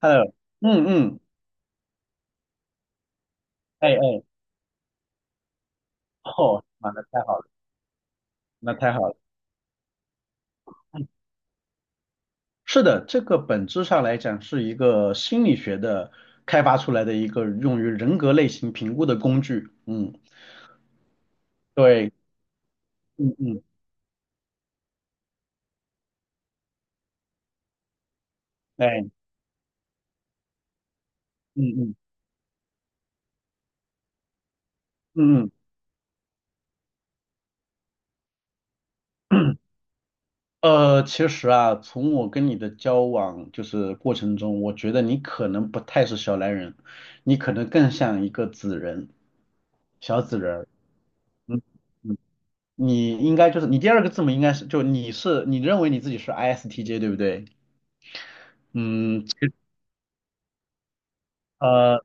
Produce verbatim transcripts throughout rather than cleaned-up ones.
Hello,嗯嗯，哎哎，哦，妈，那太好了，那太好了。是的，这个本质上来讲是一个心理学的开发出来的一个用于人格类型评估的工具。嗯，对，嗯嗯，哎，嗯嗯嗯嗯，呃，其实啊，从我跟你的交往就是过程中，我觉得你可能不太是小蓝人，你可能更像一个紫人，小紫人儿。嗯嗯你应该就是你第二个字母应该是就你是你认为你自己是 I S T J 对不对？嗯，其实呃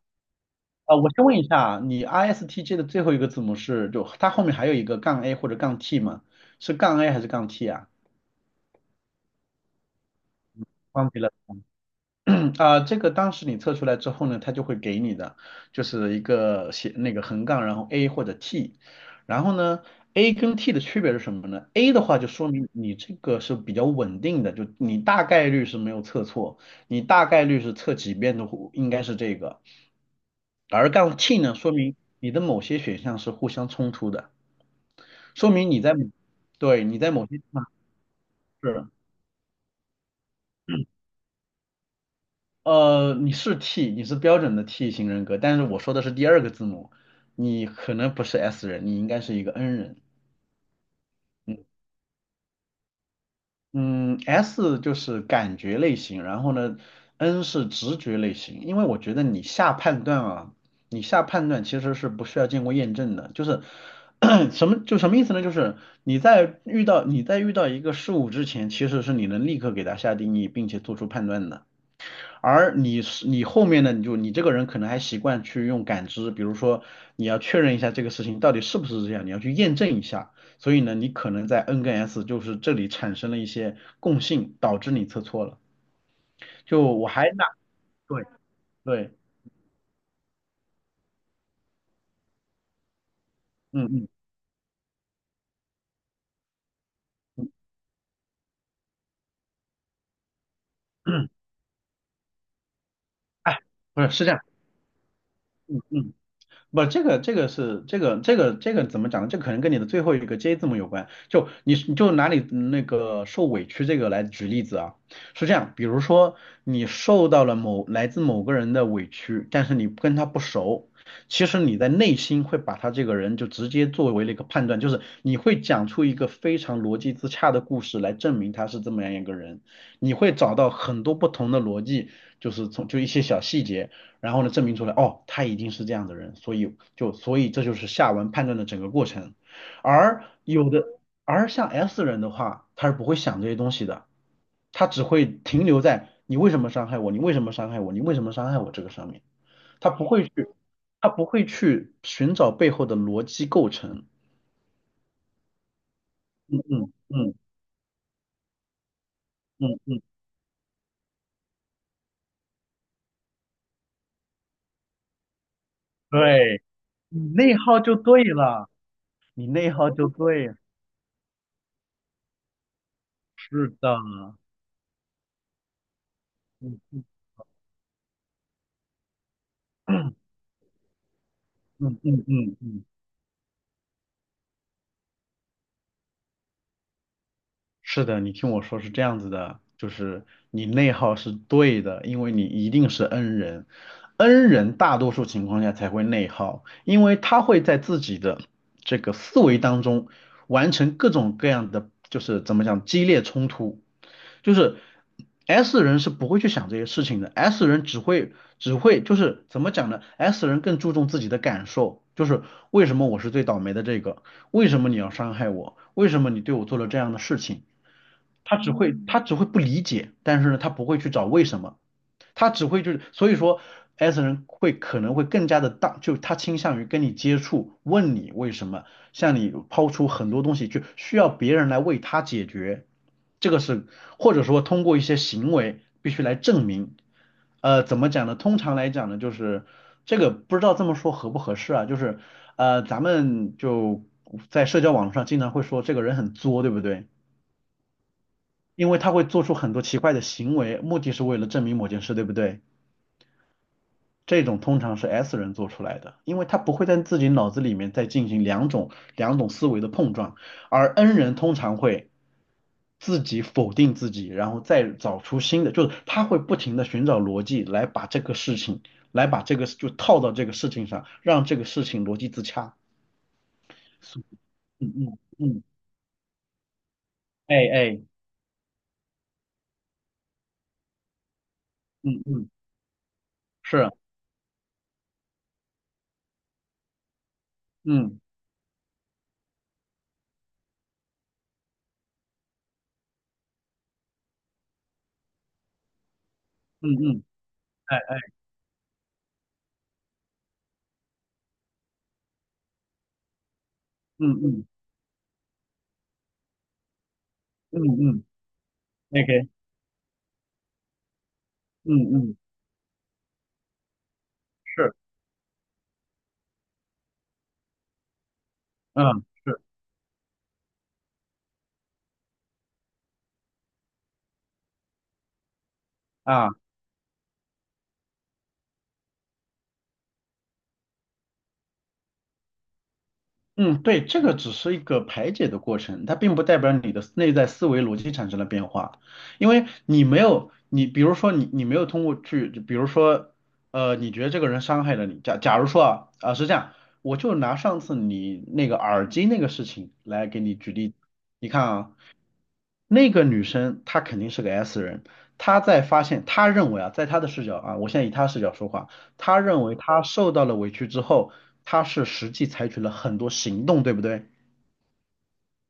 呃，我先问一下，你 I S T J 的最后一个字母是就它后面还有一个杠 A 或者杠 T 吗？是杠 A 还是杠 T 啊？忘记了。嗯啊、这个当时你测出来之后呢，它就会给你的，就是一个写那个横杠，然后 A 或者 T,然后呢，A 跟 T 的区别是什么呢？A 的话就说明你这个是比较稳定的，就你大概率是没有测错，你大概率是测几遍都应该是这个，而杠 T 呢，说明你的某些选项是互相冲突的，说明你在某对你在某些地方是。呃，你是 T,你是标准的 T 型人格，但是我说的是第二个字母，你可能不是 S 人，你应该是一个 N 人。嗯嗯，S 就是感觉类型，然后呢，N 是直觉类型。因为我觉得你下判断啊，你下判断其实是不需要经过验证的，就是 什么就什么意思呢？就是你在遇到你在遇到一个事物之前，其实是你能立刻给它下定义，并且做出判断的。而你是你后面呢，你就你这个人可能还习惯去用感知，比如说你要确认一下这个事情到底是不是这样，你要去验证一下。所以呢，你可能在 N 跟 S 就是这里产生了一些共性，导致你测错了。就我还拿对对，嗯嗯，哎，不是是这样，嗯。不，这个这个是这个这个这个怎么讲呢？这可能跟你的最后一个 J 字母有关。就你你就拿你那个受委屈这个来举例子啊，是这样，比如说你受到了某来自某个人的委屈，但是你跟他不熟，其实你在内心会把他这个人就直接作为了一个判断，就是你会讲出一个非常逻辑自洽的故事来证明他是这么样一个人，你会找到很多不同的逻辑，就是从就一些小细节。然后呢，证明出来，哦，他一定是这样的人，所以就所以这就是下文判断的整个过程。而有的，而像 S 人的话，他是不会想这些东西的，他只会停留在你为什么伤害我，你为什么伤害我，你为什么伤害我这个上面，他不会去，他不会去寻找背后的逻辑构成。嗯嗯嗯嗯，嗯，对，你内耗就对了，你内耗就对，是的，嗯嗯嗯嗯嗯。是的，你听我说是这样子的，就是你内耗是对的，因为你一定是 N 人，N 人大多数情况下才会内耗，因为他会在自己的这个思维当中完成各种各样的，就是怎么讲，激烈冲突，就是 S 人是不会去想这些事情的，S 人只会只会就是怎么讲呢？S 人更注重自己的感受，就是为什么我是最倒霉的这个，为什么你要伤害我，为什么你对我做了这样的事情。他只会他嗯只会不理解，但是呢，他不会去找为什么，他只会就是，所以说 S 人会可能会更加的当，就他倾向于跟你接触，问你为什么，向你抛出很多东西，就需要别人来为他解决，这个是或者说通过一些行为必须来证明，呃，怎么讲呢？通常来讲呢，就是这个不知道这么说合不合适啊，就是呃，咱们就在社交网络上经常会说这个人很作，对不对？因为他会做出很多奇怪的行为，目的是为了证明某件事，对不对？这种通常是 S 人做出来的，因为他不会在自己脑子里面再进行两种两种思维的碰撞，而 N 人通常会自己否定自己，然后再找出新的，就是他会不停的寻找逻辑来把这个事情，来把这个就套到这个事情上，让这个事情逻辑自洽。所嗯嗯嗯，哎哎，嗯嗯，是啊，嗯嗯嗯，哎嗯嗯嗯嗯嗯，OK。嗯嗯，是，嗯是啊，嗯，对，这个只是一个排解的过程，它并不代表你的内在思维逻辑产生了变化，因为你没有，你比如说你你没有通过去，比如说，呃，你觉得这个人伤害了你，假假如说啊啊是这样，我就拿上次你那个耳机那个事情来给你举例，你看啊。那个女生她肯定是个 S 人，她在发现，她认为啊，在她的视角啊，我现在以她视角说话，她认为她受到了委屈之后，她是实际采取了很多行动，对不对？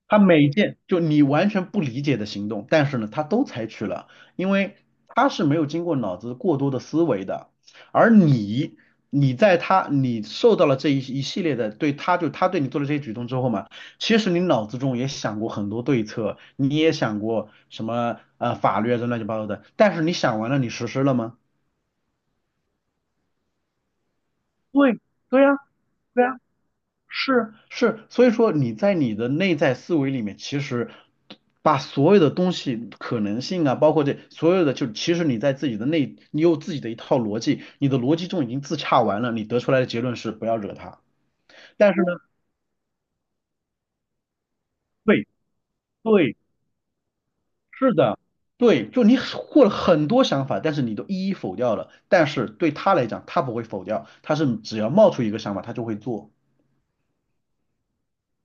他每一件就你完全不理解的行动，但是呢，他都采取了，因为他是没有经过脑子过多的思维的，而你，你在他，你受到了这一一系列的对他就他对你做的这些举动之后嘛，其实你脑子中也想过很多对策，你也想过什么呃法律啊这乱七八糟的，但是你想完了，你实施了吗？对，对呀，对呀，是是，所以说你在你的内在思维里面，其实把所有的东西可能性啊，包括这所有的，就其实你在自己的内，你有自己的一套逻辑，你的逻辑中已经自洽完了，你得出来的结论是不要惹他。但是呢，对对，是的，对，就你获了很多想法，但是你都一一否掉了。但是对他来讲，他不会否掉，他是只要冒出一个想法，他就会做。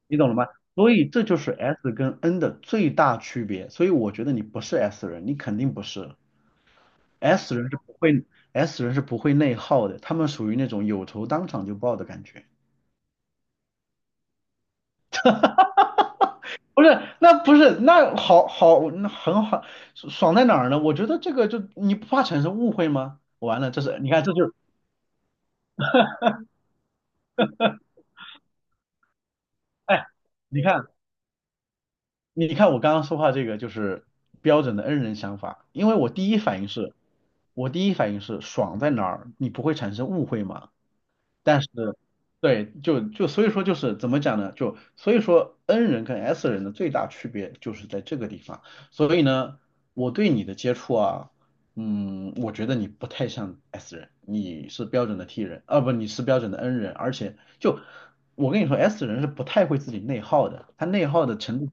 你懂了吗？所以这就是 S 跟 N 的最大区别。所以我觉得你不是 S 人，你肯定不是 S 人是不会 S 人是不会内耗的，他们属于那种有仇当场就报的感觉。不是，那不是，那好好，那很好，爽在哪儿呢？我觉得这个就你不怕产生误会吗？完了，这是你看，这就是哎，你看，你看我刚刚说话这个就是标准的 N 人想法，因为我第一反应是，我第一反应是爽在哪儿，你不会产生误会吗？但是，对，就就所以说就是怎么讲呢？就所以说 N 人跟 S 人的最大区别就是在这个地方。所以呢，我对你的接触啊，嗯，我觉得你不太像 S 人，你是标准的 T 人，啊不，你是标准的 N 人，而且就我跟你说，S 人是不太会自己内耗的，他内耗的程度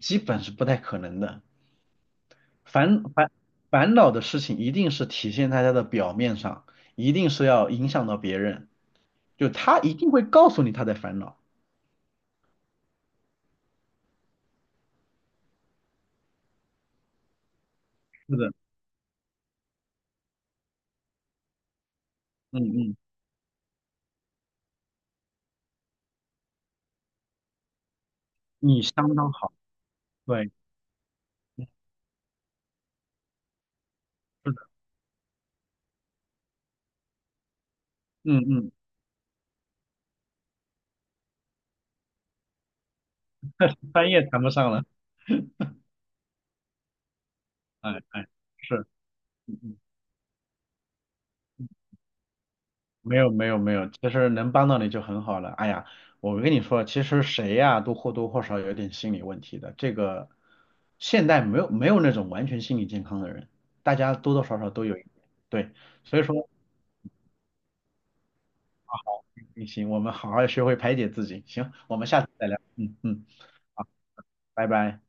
基本是不太可能的，烦烦烦恼的事情一定是体现在他的表面上，一定是要影响到别人。就他一定会告诉你他在烦恼。是的，嗯嗯，你相当好，对，是的，嗯嗯，专业谈不上了，哎哎，是，嗯没有没有没有，其实能帮到你就很好了。哎呀，我跟你说，其实谁呀、都或多或少有点心理问题的。这个现在没有没有那种完全心理健康的人，大家多多少少都有一点。对，所以说行，我们好好学会排解自己。行，我们下次再聊。嗯嗯，好，拜拜。